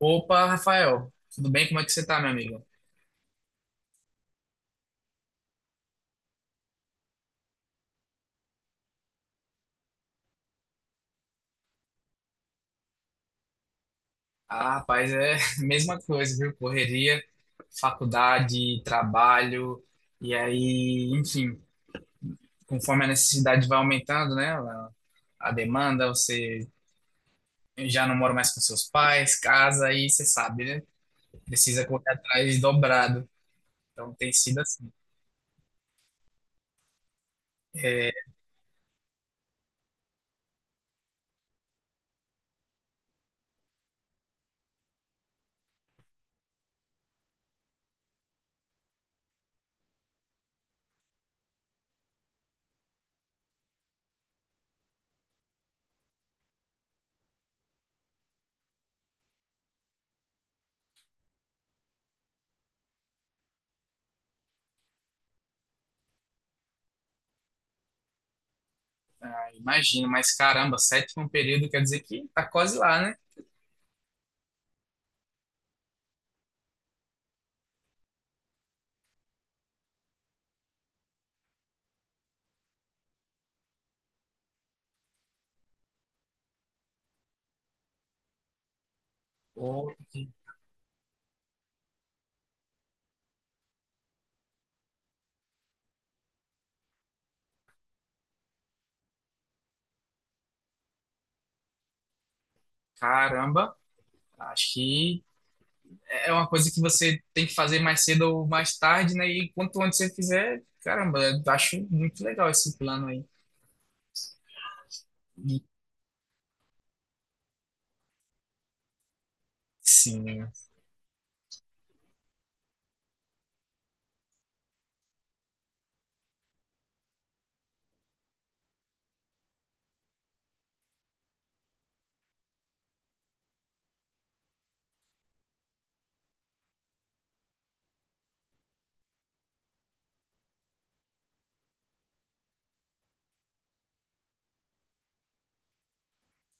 Opa, Rafael, tudo bem? Como é que você tá, meu amigo? Ah, rapaz, é a mesma coisa, viu? Correria, faculdade, trabalho, e aí, enfim, conforme a necessidade vai aumentando, né? A demanda, você já não mora mais com seus pais, casa, aí você sabe, né? Precisa correr atrás dobrado. Então tem sido assim. É, ah, imagino, mas caramba, sétimo período quer dizer que tá quase lá, né? Pô, caramba, acho que é uma coisa que você tem que fazer mais cedo ou mais tarde, né? E quanto antes você fizer, caramba, eu acho muito legal esse plano aí. E sim, né?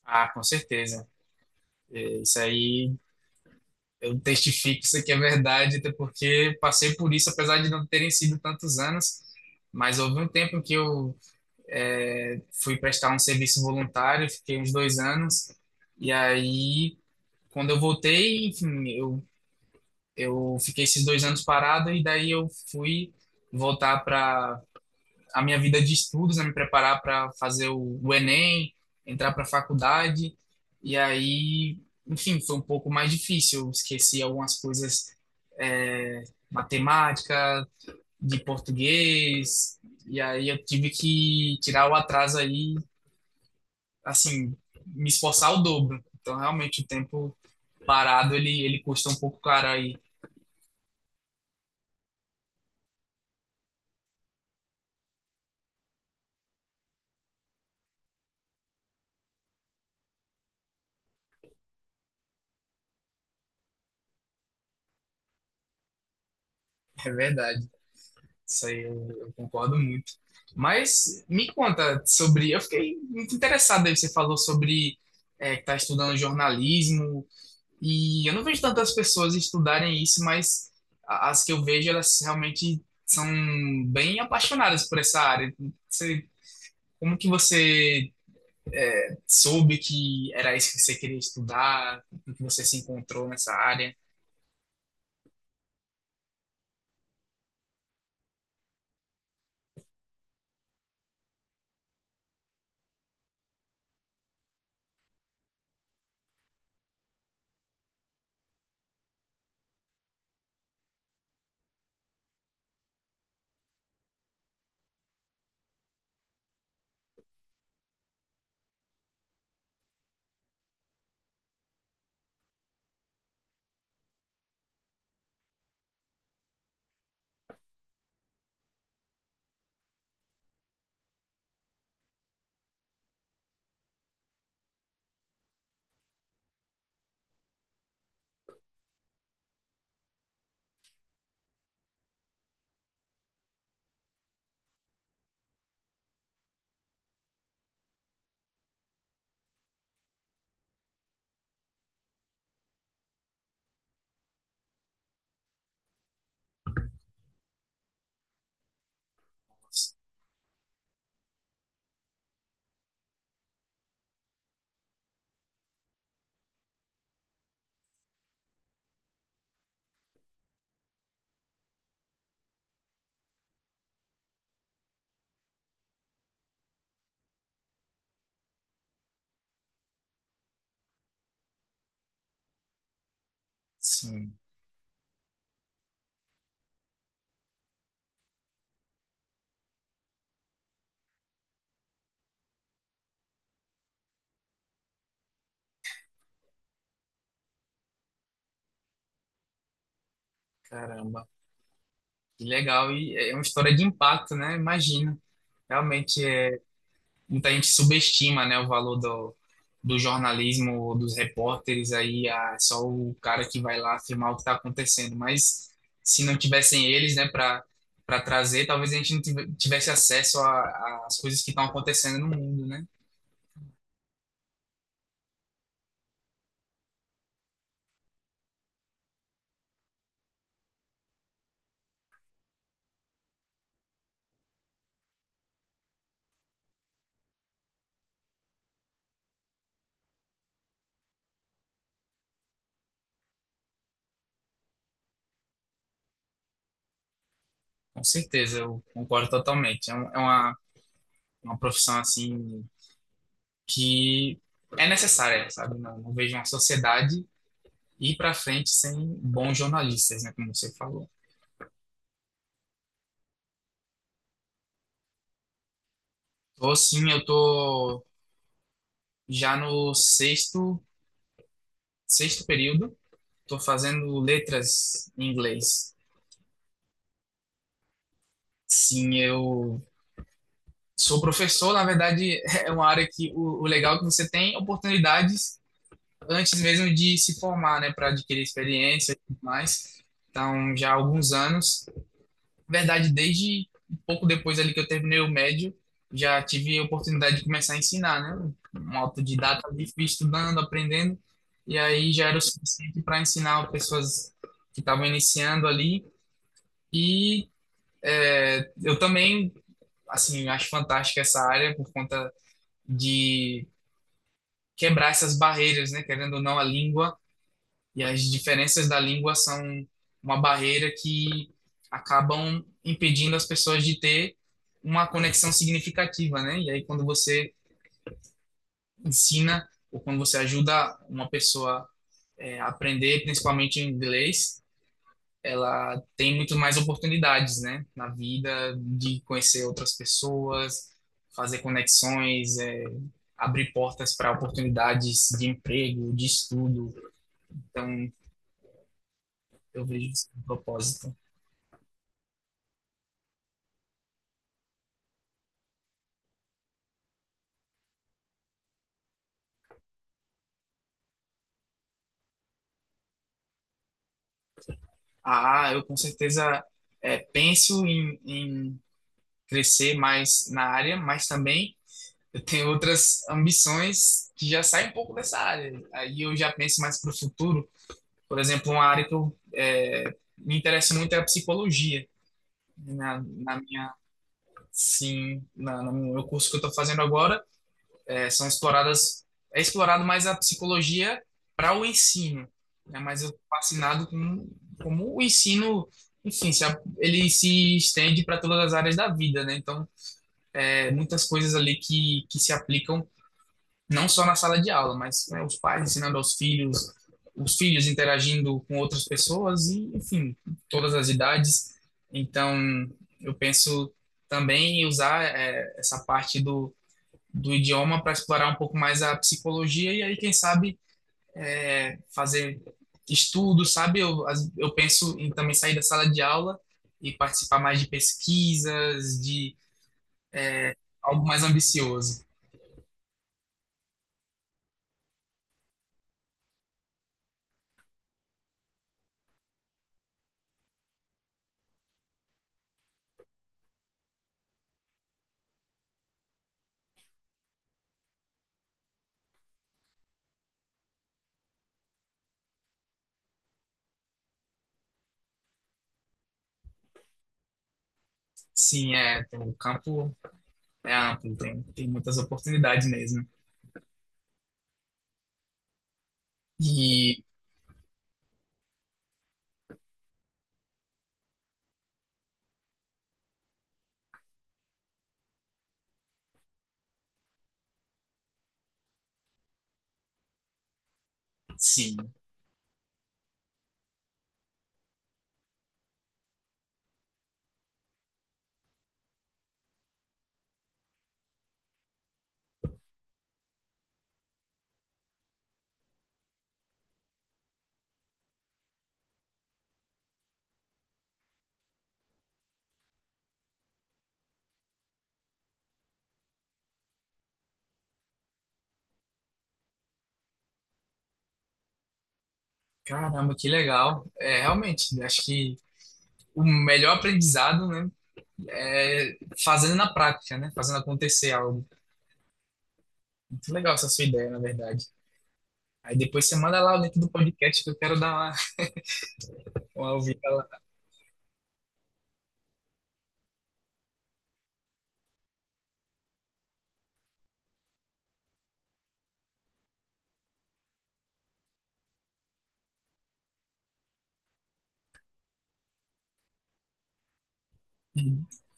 Ah, com certeza. É, isso aí, eu testifico isso aqui é verdade, até porque passei por isso, apesar de não terem sido tantos anos. Mas houve um tempo que eu fui prestar um serviço voluntário, fiquei uns dois anos, e aí, quando eu voltei, enfim, eu fiquei esses dois anos parado e daí eu fui voltar para a minha vida de estudos, a me preparar para fazer o Enem, entrar para a faculdade. E aí, enfim, foi um pouco mais difícil. Eu esqueci algumas coisas, é, matemática, de português. E aí eu tive que tirar o atraso aí, assim, me esforçar o dobro. Então, realmente, o tempo parado, ele custa um pouco caro aí. É verdade. Isso aí eu concordo muito. Mas me conta sobre. Eu fiquei muito interessado aí. Você falou sobre que está estudando jornalismo, e eu não vejo tantas pessoas estudarem isso, mas as que eu vejo, elas realmente são bem apaixonadas por essa área. Você, como que você soube que era isso que você queria estudar? Como que você se encontrou nessa área? Sim, caramba. Que legal, e é uma história de impacto, né? Imagina. Realmente, é, muita gente subestima, né, o valor do, do jornalismo, ou dos repórteres aí, ah, é só o cara que vai lá afirmar o que está acontecendo. Mas se não tivessem eles, né, para trazer, talvez a gente não tivesse acesso às coisas que estão acontecendo no mundo, né? Com certeza, eu concordo totalmente. É, é uma profissão, assim, que é necessária, sabe? Não, não vejo uma sociedade ir para frente sem bons jornalistas, né, como você falou. Tô assim, eu tô já no sexto, sexto período, tô fazendo letras em inglês. Sim, eu sou professor, na verdade, é uma área que o legal é que você tem oportunidades antes mesmo de se formar, né, para adquirir experiência e tudo mais. Então, já há alguns anos. Na verdade, desde um pouco depois ali que eu terminei o médio, já tive a oportunidade de começar a ensinar, né? Um autodidata ali, fui estudando, aprendendo, e aí já era o suficiente para ensinar pessoas que estavam iniciando ali. E é, eu também, assim, acho fantástica essa área por conta de quebrar essas barreiras, né? Querendo ou não, a língua e as diferenças da língua são uma barreira que acabam impedindo as pessoas de ter uma conexão significativa, né? E aí quando você ensina ou quando você ajuda uma pessoa a aprender, principalmente em inglês, ela tem muito mais oportunidades, né? Na vida de conhecer outras pessoas, fazer conexões, é, abrir portas para oportunidades de emprego, de estudo. Então eu vejo isso como propósito. Ah, eu com certeza penso em crescer mais na área, mas também eu tenho outras ambições que já saem um pouco dessa área. Aí eu já penso mais para o futuro. Por exemplo, uma área que eu me interesso muito é a psicologia. Né? Na minha, sim, na, no meu curso que eu estou fazendo agora, é, são exploradas, é explorado mais a psicologia para o ensino, né? Mas eu tô fascinado com como o ensino, enfim, se ele se estende para todas as áreas da vida, né? Então, é, muitas coisas ali que se aplicam não só na sala de aula, mas né, os pais ensinando aos filhos, os filhos interagindo com outras pessoas e, enfim, todas as idades. Então, eu penso também em usar é, essa parte do do idioma para explorar um pouco mais a psicologia e aí, quem sabe, é, fazer estudos sabe? Eu penso em também sair da sala de aula e participar mais de pesquisas, de algo mais ambicioso. Sim, é, o campo é amplo, tem muitas oportunidades mesmo. E, sim, caramba, que legal. É, realmente, acho que o melhor aprendizado, né, é fazendo na prática, né, fazendo acontecer algo. Muito legal essa sua ideia, na verdade. Aí depois você manda lá o link do podcast que eu quero dar uma ouvida lá.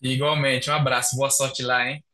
Igualmente, um abraço, boa sorte lá, hein?